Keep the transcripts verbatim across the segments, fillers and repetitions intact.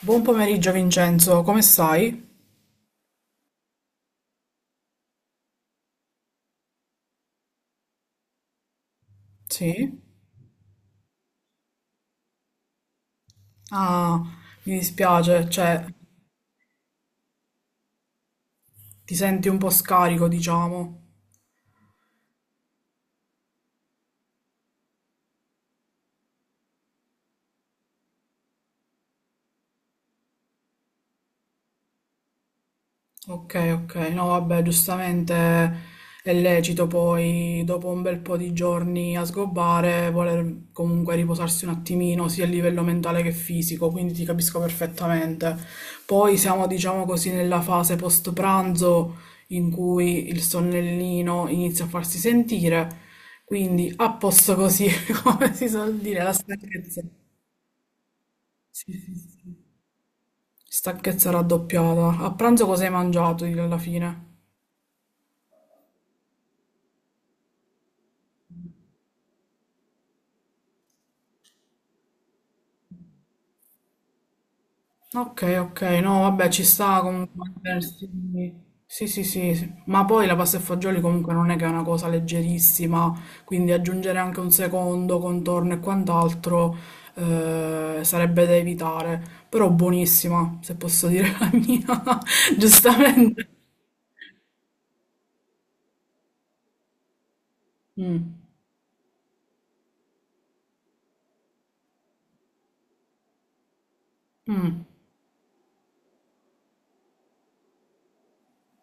Buon pomeriggio Vincenzo, come stai? Sì? Ah, mi dispiace, cioè, ti senti un po' scarico, diciamo. Okay, okay. No, vabbè, giustamente è lecito poi, dopo un bel po' di giorni a sgobbare, voler comunque riposarsi un attimino, sia a livello mentale che fisico, quindi ti capisco perfettamente. Poi siamo, diciamo così, nella fase post pranzo in cui il sonnellino inizia a farsi sentire, quindi a posto così, come si suol dire, la stanchezza. Sì, sì, sì. Stanchezza raddoppiata. A pranzo cosa hai mangiato alla fine? Ok, ok, no, vabbè, ci sta comunque mangiarsi- sì, sì, sì, sì, ma poi la pasta e fagioli comunque non è che è una cosa leggerissima, quindi aggiungere anche un secondo contorno e quant'altro eh, sarebbe da evitare, però buonissima, se posso dire la mia, giustamente. Mm, mm.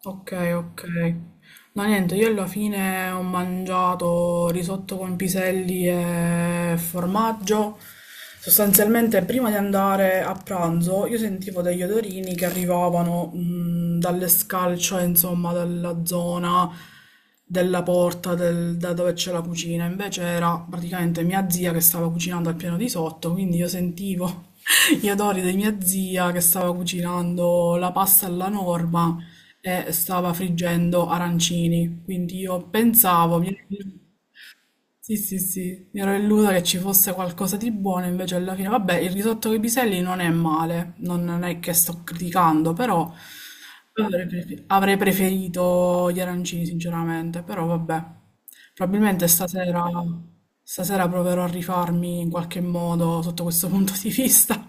Ok, ok. No, niente, io alla fine ho mangiato risotto con piselli e formaggio. Sostanzialmente, prima di andare a pranzo, io sentivo degli odorini che arrivavano mh, dall'escalcio, insomma, dalla zona della porta del- da dove c'è la cucina. Invece era praticamente mia zia che stava cucinando al piano di sotto, quindi io sentivo gli odori di mia zia che stava cucinando la pasta alla norma e stava friggendo arancini. Quindi io pensavo, mi Sì, sì, sì, mi ero illusa che ci fosse qualcosa di buono, invece alla fine, vabbè, il risotto con i piselli non è male, non, non è che sto criticando, però avrei prefe- avrei preferito gli arancini, sinceramente, però vabbè. Probabilmente stasera, stasera proverò a rifarmi in qualche modo sotto questo punto di vista.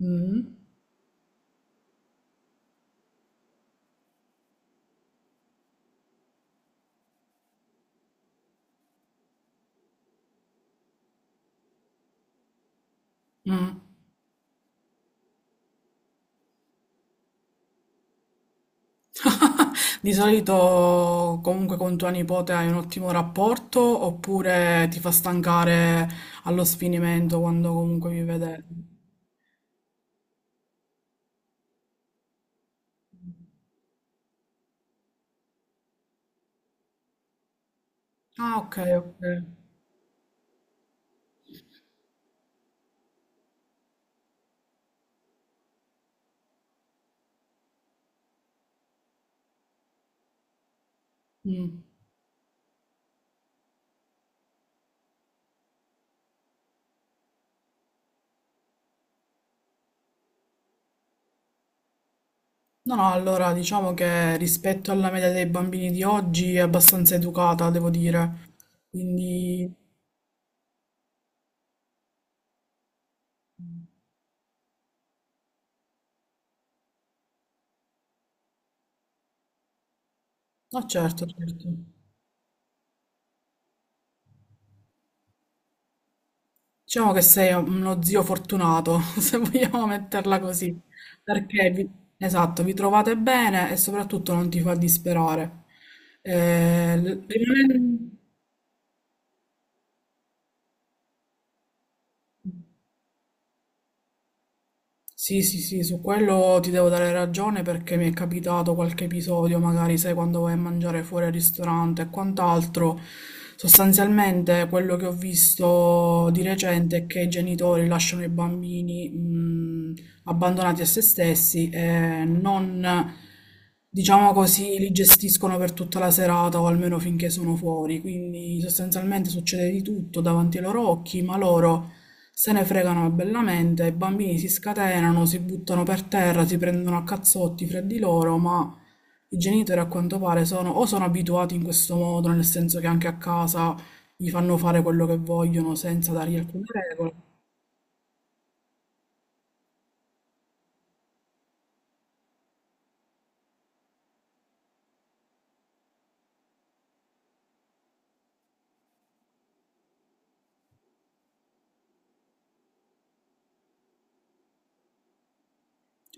Mm. Mm. Di solito comunque con tua nipote hai un ottimo rapporto oppure ti fa stancare allo sfinimento quando comunque vi vedete? Ah, ok, ok. Mm. No, no, allora diciamo che rispetto alla media dei bambini di oggi è abbastanza educata, devo dire. Quindi, no, certo, certo. Diciamo che sei uno zio fortunato, se vogliamo metterla così, perché vi, esatto, vi trovate bene e soprattutto non ti fa disperare. Eh, l- rimanen- Sì, sì, sì, su quello ti devo dare ragione perché mi è capitato qualche episodio, magari sai quando vai a mangiare fuori al ristorante e quant'altro. Sostanzialmente quello che ho visto di recente è che i genitori lasciano i bambini mh, abbandonati a se stessi e non, diciamo così, li gestiscono per tutta la serata o almeno finché sono fuori. Quindi sostanzialmente succede di tutto davanti ai loro occhi, ma loro se ne fregano bellamente, i bambini si scatenano, si buttano per terra, si prendono a cazzotti fra di loro, ma i genitori a quanto pare sono o sono abituati in questo modo, nel senso che anche a casa gli fanno fare quello che vogliono senza dargli alcune regole.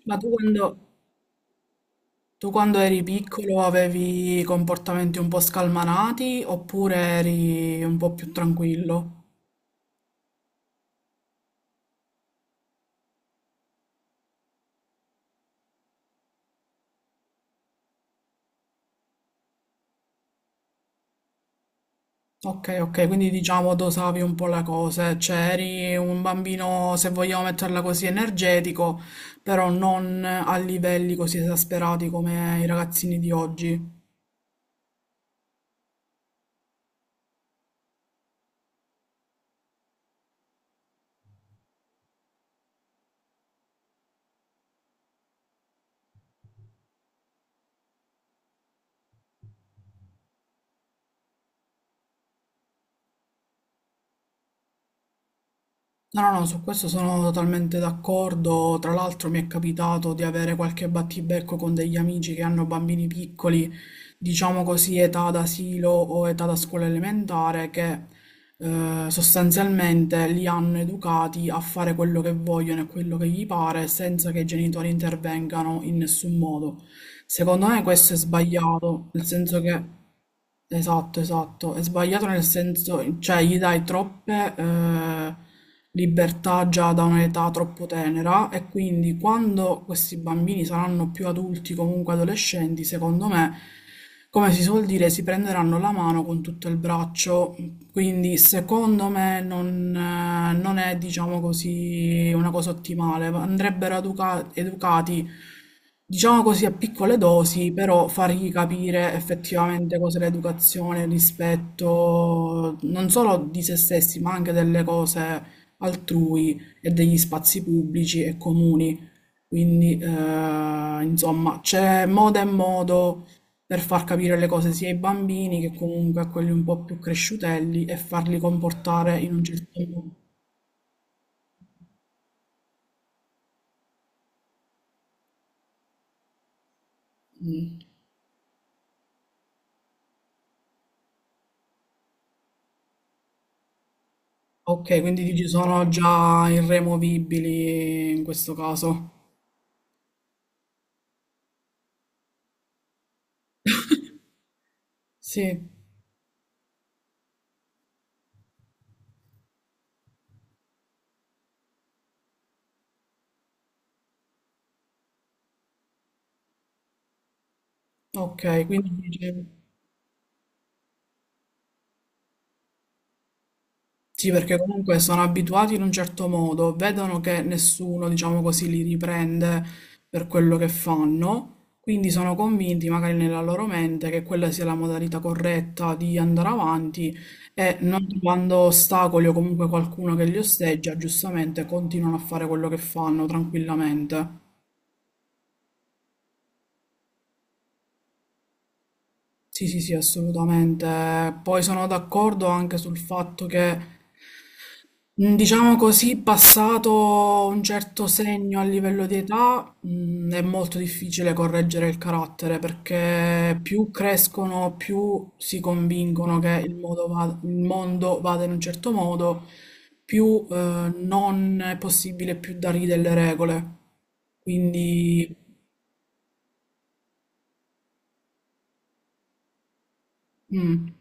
Ma tu quando, tu quando eri piccolo avevi comportamenti un po' scalmanati oppure eri un po' più tranquillo? Ok, ok, quindi diciamo dosavi un po' la cosa, cioè eri un bambino, se vogliamo metterla così, energetico, però non a livelli così esasperati come i ragazzini di oggi. No, no, no, su questo sono totalmente d'accordo. Tra l'altro mi è capitato di avere qualche battibecco con degli amici che hanno bambini piccoli, diciamo così, età d'asilo o età da scuola elementare, che eh, sostanzialmente li hanno educati a fare quello che vogliono e quello che gli pare senza che i genitori intervengano in nessun modo. Secondo me questo è sbagliato, nel senso che... Esatto, esatto. È sbagliato nel senso, cioè gli dai troppe eh, libertà già da un'età troppo tenera e quindi quando questi bambini saranno più adulti, comunque adolescenti, secondo me, come si suol dire, si prenderanno la mano con tutto il braccio. Quindi secondo me non, eh, non è, diciamo così, una cosa ottimale. Andrebbero educa- educati diciamo così a piccole dosi, però fargli capire effettivamente cos'è l'educazione, il rispetto non solo di se stessi, ma anche delle cose altrui e degli spazi pubblici e comuni. Quindi, eh, insomma, c'è modo e modo per far capire le cose sia ai bambini che comunque a quelli un po' più cresciutelli e farli comportare in un certo modo. Mm. Ok, quindi ci sono già irremovibili in questo caso. Sì, ok, quindi dice- sì, perché comunque sono abituati in un certo modo, vedono che nessuno, diciamo così, li riprende per quello che fanno, quindi sono convinti magari nella loro mente che quella sia la modalità corretta di andare avanti e non quando ostacoli o comunque qualcuno che li osteggia, giustamente continuano a fare quello che fanno tranquillamente. Sì, sì, sì, assolutamente. Poi sono d'accordo anche sul fatto che, mh, diciamo così, passato un certo segno a livello di età, mh, è molto difficile correggere il carattere perché più crescono, più si convincono che il modo va- il mondo vada in un certo modo, più, eh, non è possibile più dargli delle regole. Quindi, mm,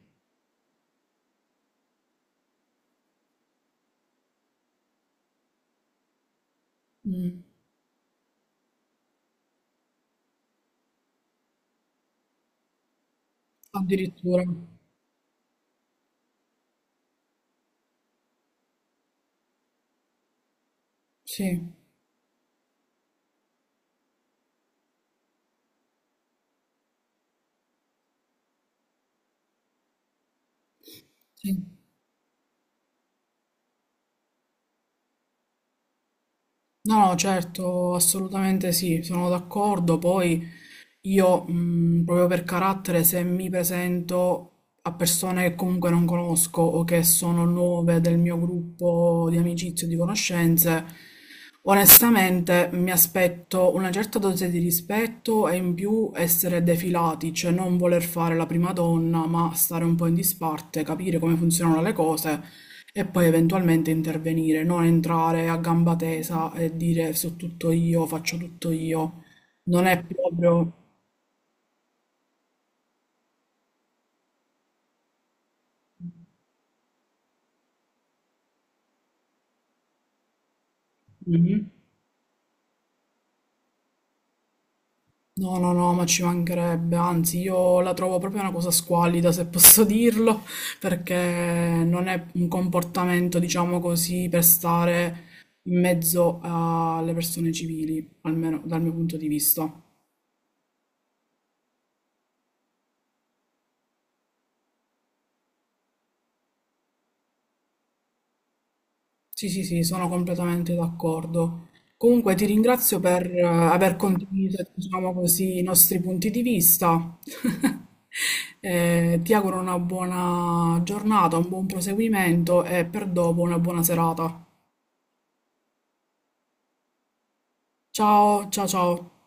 mm, addirittura, sì. Sì. No, no, certo, assolutamente sì, sono d'accordo. Poi io, mh, proprio per carattere, se mi presento a persone che comunque non conosco o che sono nuove del mio gruppo di amicizie o di conoscenze, onestamente mi aspetto una certa dose di rispetto e in più essere defilati, cioè non voler fare la prima donna, ma stare un po' in disparte, capire come funzionano le cose e poi eventualmente intervenire, non entrare a gamba tesa e dire so tutto io, faccio tutto io. Non è proprio... Mhm. No, no, no, ma ci mancherebbe, anzi io la trovo proprio una cosa squallida, se posso dirlo, perché non è un comportamento, diciamo così, per stare in mezzo alle persone civili, almeno dal mio punto di vista. Sì, sì, sì, sono completamente d'accordo. Comunque ti ringrazio per eh, aver condiviso, diciamo così, i nostri punti di vista. Eh, ti auguro una buona giornata, un buon proseguimento e per dopo una buona serata. Ciao, ciao, ciao.